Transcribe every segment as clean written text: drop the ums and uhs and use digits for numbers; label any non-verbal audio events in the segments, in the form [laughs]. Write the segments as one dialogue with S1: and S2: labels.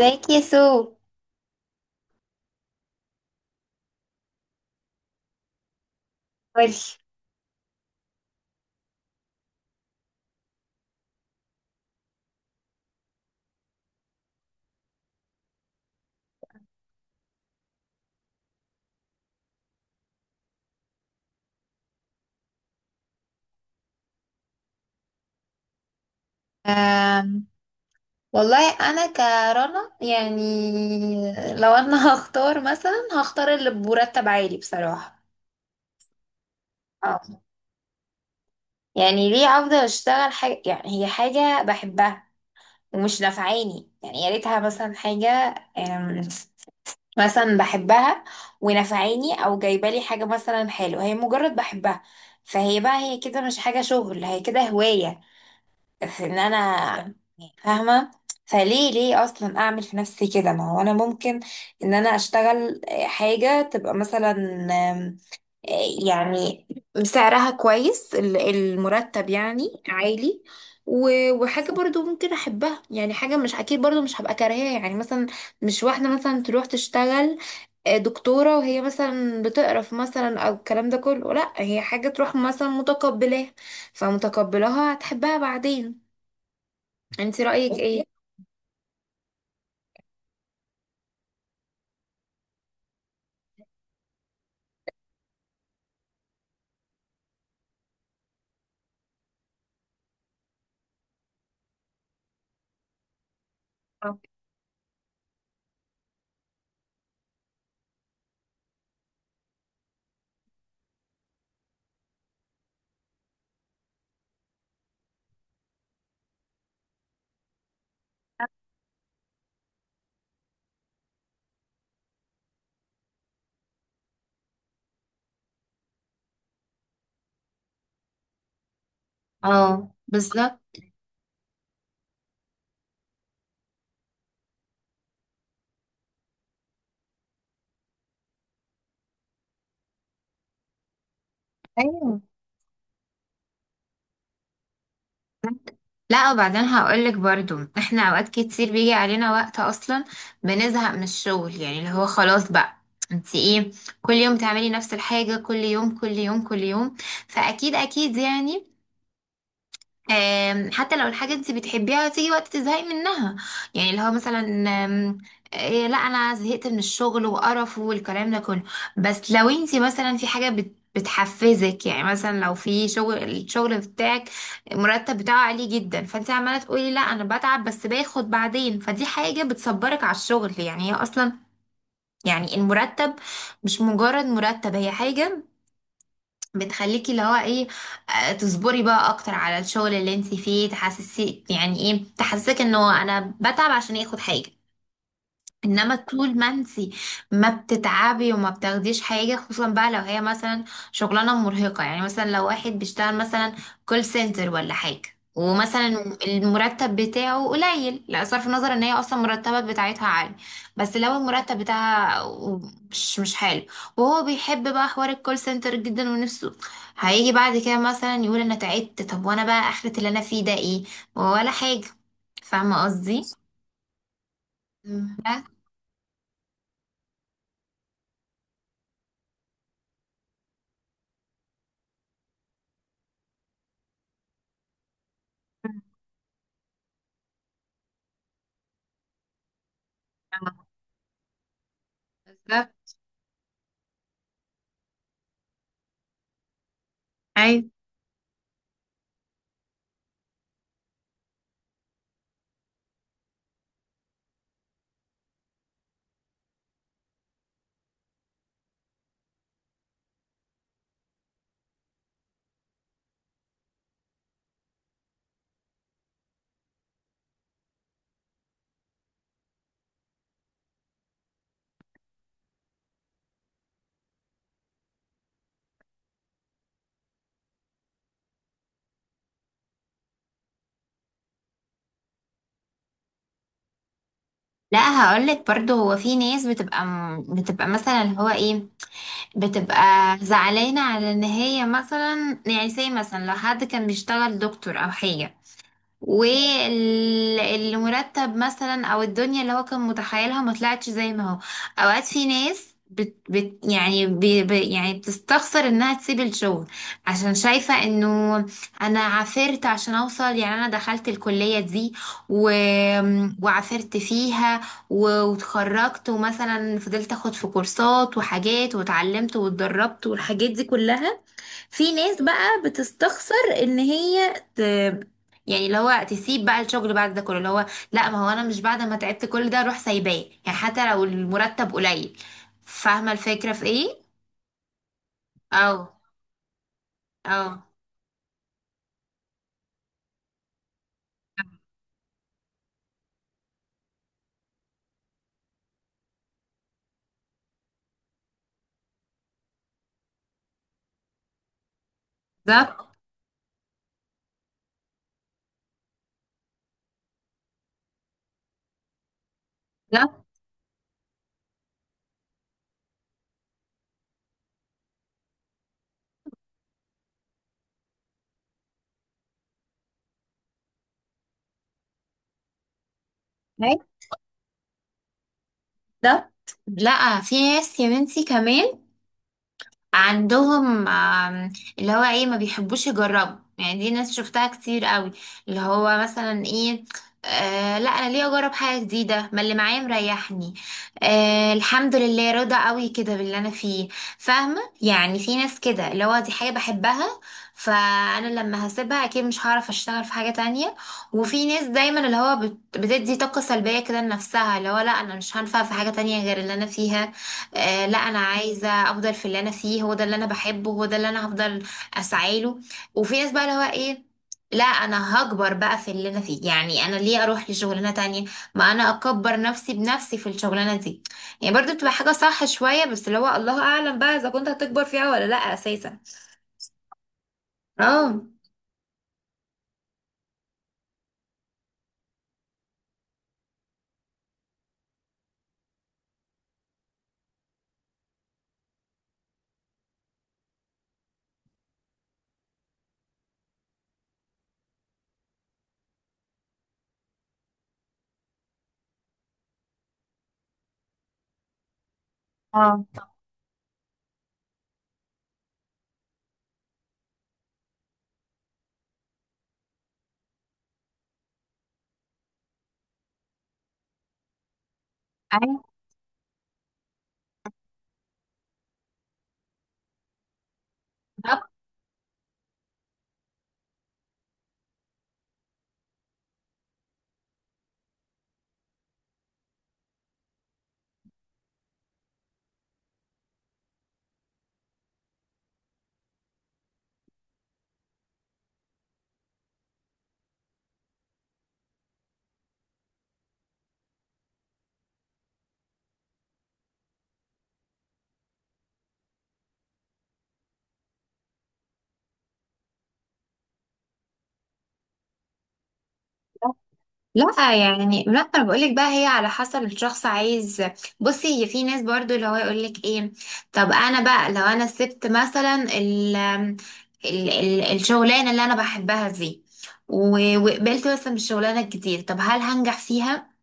S1: ازيك يا سو؟ قولي. أم، والله انا كرنا يعني، لو انا [laughs] هختار مثلا اللي بمرتب عالي بصراحة. اه، يعني ليه افضل اشتغل حاجة يعني هي حاجة بحبها ومش نافعاني، يعني يا ريتها مثلا حاجة أم، مثلا بحبها ونافعاني او جايبه لي حاجة مثلا حلوة، هي مجرد بحبها فهي بقى هي كده مش حاجة شغل هي كده هواية في ان انا فاهمه. فليه اصلا اعمل في نفسي كده، ما هو انا ممكن ان انا اشتغل حاجه تبقى مثلا آم، يعني سعرها كويس، المرتب يعني عالي، و- وحاجه برضو ممكن احبها، يعني حاجه مش اكيد برضو مش هبقى كارهاها، يعني مثلا مش واحده مثلا تروح تشتغل دكتوره وهي مثلا بتقرف مثلا، او الكلام ده كله، لا هي حاجه تروح مثلا متقبلاها فمتقبلاها هتحبها بعدين. انت رأيك ايه؟ اه. اه. بس. ايوه. لا وبعدين هقولك برضو احنا اوقات كتير بيجي علينا وقت اصلا بنزهق من الشغل، يعني اللي هو خلاص بقى انت ايه، كل يوم تعملي نفس الحاجة، كل يوم كل يوم كل يوم. فاكيد اكيد يعني حتى لو الحاجة انت بتحبيها تيجي وقت تزهقي منها، يعني اللي هو مثلا آم، إيه لا انا زهقت من الشغل وقرف والكلام ده كله. بس لو انت مثلا في حاجة بتحفزك، يعني مثلا لو في الشغل بتاعك المرتب بتاعه عالي جدا، فانت عمالة تقولي لا انا بتعب بس باخد بعدين، فدي حاجة بتصبرك على الشغل يعني. هي اصلا يعني المرتب مش مجرد مرتب، هي حاجة بتخليكي اللي هو ايه، تصبري بقى اكتر على الشغل اللي انت فيه، تحسسي يعني ايه، تحسسك انه انا بتعب عشان ياخد حاجة. انما طول ما انتي ما بتتعبي وما بتاخديش حاجه، خصوصا بقى لو هي مثلا شغلانه مرهقه، يعني مثلا لو واحد بيشتغل مثلا كول سنتر ولا حاجه، ومثلا المرتب بتاعه قليل. لا صرف النظر ان هي اصلا المرتبات بتاعتها عالي، بس لو المرتب بتاعها مش حلو وهو بيحب بقى حوار الكول سنتر جدا ونفسه، هيجي بعد كده مثلا يقول انا تعبت، طب وانا بقى اخرة اللي انا فيه ده ايه، ولا حاجه. فاهمه قصدي؟ بس. ايوه. لا هقولك برضو، هو في ناس بتبقى مثلا اللي هو ايه، بتبقى زعلانة على ان هي مثلا، يعني زي مثلا لو حد كان بيشتغل دكتور او حاجة والمرتب مثلا، او الدنيا اللي هو كان متخيلها ما طلعتش زي ما هو. اوقات في ناس بت بت يعني بي بي يعني بتستخسر انها تسيب الشغل عشان شايفة انه انا عافرت عشان اوصل، يعني انا دخلت الكلية دي و... وعافرت فيها و... وتخرجت ومثلا فضلت اخد في كورسات وحاجات واتعلمت واتدربت والحاجات دي كلها. في ناس بقى بتستخسر ان هي يعني اللي هو تسيب بقى الشغل بعد ده كله، اللي هو لا ما هو انا مش بعد ما تعبت كل ده اروح سايباه يعني، حتى لو المرتب قليل. فاهمه الفكره في ايه؟ او او ده ده ده ده لا في ناس يا بنتي كمان عندهم اللي هو ايه، ما بيحبوش يجربوا، يعني دي ناس شفتها كتير قوي، اللي هو مثلا ايه، آه لا انا ليه اجرب حاجه جديده، ما اللي معايا مريحني، آه الحمد لله راضي قوي كده باللي انا فيه. فاهمه، يعني في ناس كده اللي هو دي حاجه بحبها فانا لما هسيبها اكيد مش هعرف اشتغل في حاجه تانية. وفي ناس دايما اللي هو بتدي طاقه سلبيه كده لنفسها، اللي هو لا انا مش هنفع في حاجه تانية غير اللي انا فيها، آه لا انا عايزه افضل في اللي انا فيه هو ده اللي انا بحبه هو ده اللي انا هفضل اسعى له. وفي ناس بقى اللي هو ايه، لا انا هكبر بقى في اللي انا فيه، يعني انا ليه اروح لشغلانه تانية، ما انا اكبر نفسي بنفسي في الشغلانه دي. يعني برضو بتبقى حاجه صح شويه، بس اللي هو الله اعلم بقى اذا كنت هتكبر فيها ولا لا اساسا. اه. أيوة. بالظبط. لا يعني لا انا بقولك بقى هي على حسب الشخص عايز. بصي هي في ناس برضو اللي هو يقولك ايه، طب انا بقى لو انا سبت مثلا ال ال ال الشغلانه اللي انا بحبها دي و- وقبلت مثلا بالشغلانه الجديده، طب هل هنجح فيها،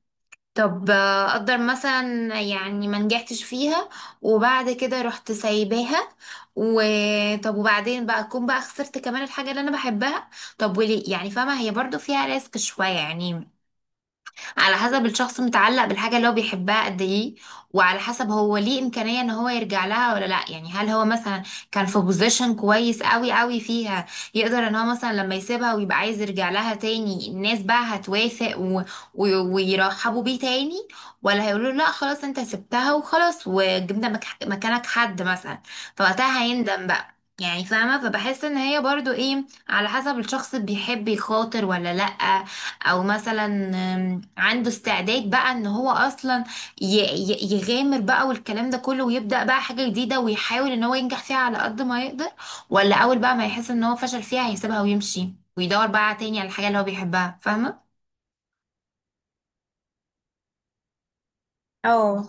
S1: طب اقدر مثلا يعني ما نجحتش فيها وبعد كده رحت سايباها، وطب وبعدين بقى اكون بقى خسرت كمان الحاجه اللي انا بحبها. طب وليه يعني، فاهمه هي برضو فيها ريسك شويه يعني، على حسب الشخص متعلق بالحاجة اللي هو بيحبها قد ايه، وعلى حسب هو ليه إمكانية ان هو يرجع لها ولا لا، يعني هل هو مثلا كان في بوزيشن كويس قوي قوي فيها، يقدر ان هو مثلا لما يسيبها ويبقى عايز يرجع لها تاني الناس بقى هتوافق و... و... ويرحبوا بيه تاني، ولا هيقولوا له لا خلاص انت سبتها وخلاص وجبنا مكانك حد مثلا فوقتها هيندم بقى، يعني فاهمة. فبحس ان هي برضو ايه، على حسب الشخص بيحب يخاطر ولا لأ، او مثلا عنده استعداد بقى ان هو اصلا يغامر بقى والكلام ده كله، ويبدأ بقى حاجة جديدة ويحاول ان هو ينجح فيها على قد ما يقدر، ولا اول بقى ما يحس ان هو فشل فيها هيسيبها ويمشي ويدور بقى تاني على الحاجة اللي هو بيحبها. فاهمة؟ اه.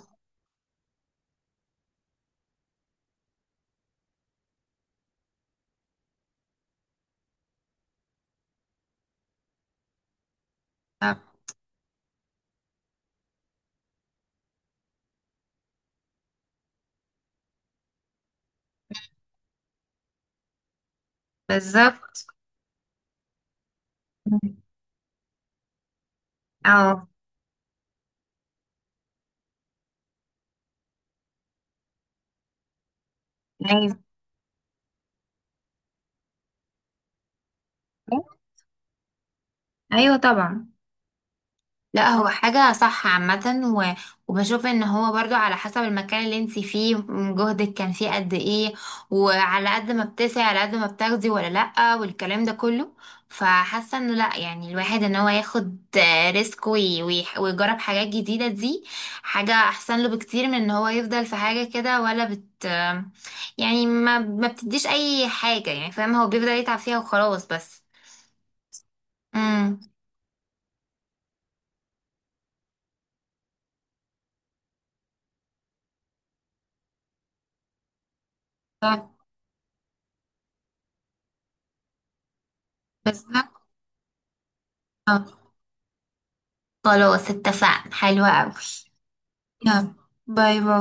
S1: آه، بالظبط. اه. ايوه. ايوه طبعا. لا هو حاجة صح عامة و... وبشوف ان هو برضو على حسب المكان اللي انت فيه، جهدك كان فيه قد ايه، وعلى قد ما بتسعي على قد ما بتاخدي ولا لأ والكلام ده كله. فحاسة انه لأ، يعني الواحد ان هو ياخد ريسك وي... وي... ويجرب حاجات جديدة، دي حاجة احسن له بكتير من ان هو يفضل في حاجة كده ولا بت آه، يعني ما بتديش اي حاجة، يعني فاهم هو بيفضل يتعب فيها وخلاص. بس. امم بالظبط. خلاص اتفقنا، حلوة أوي. يلا. باي باي.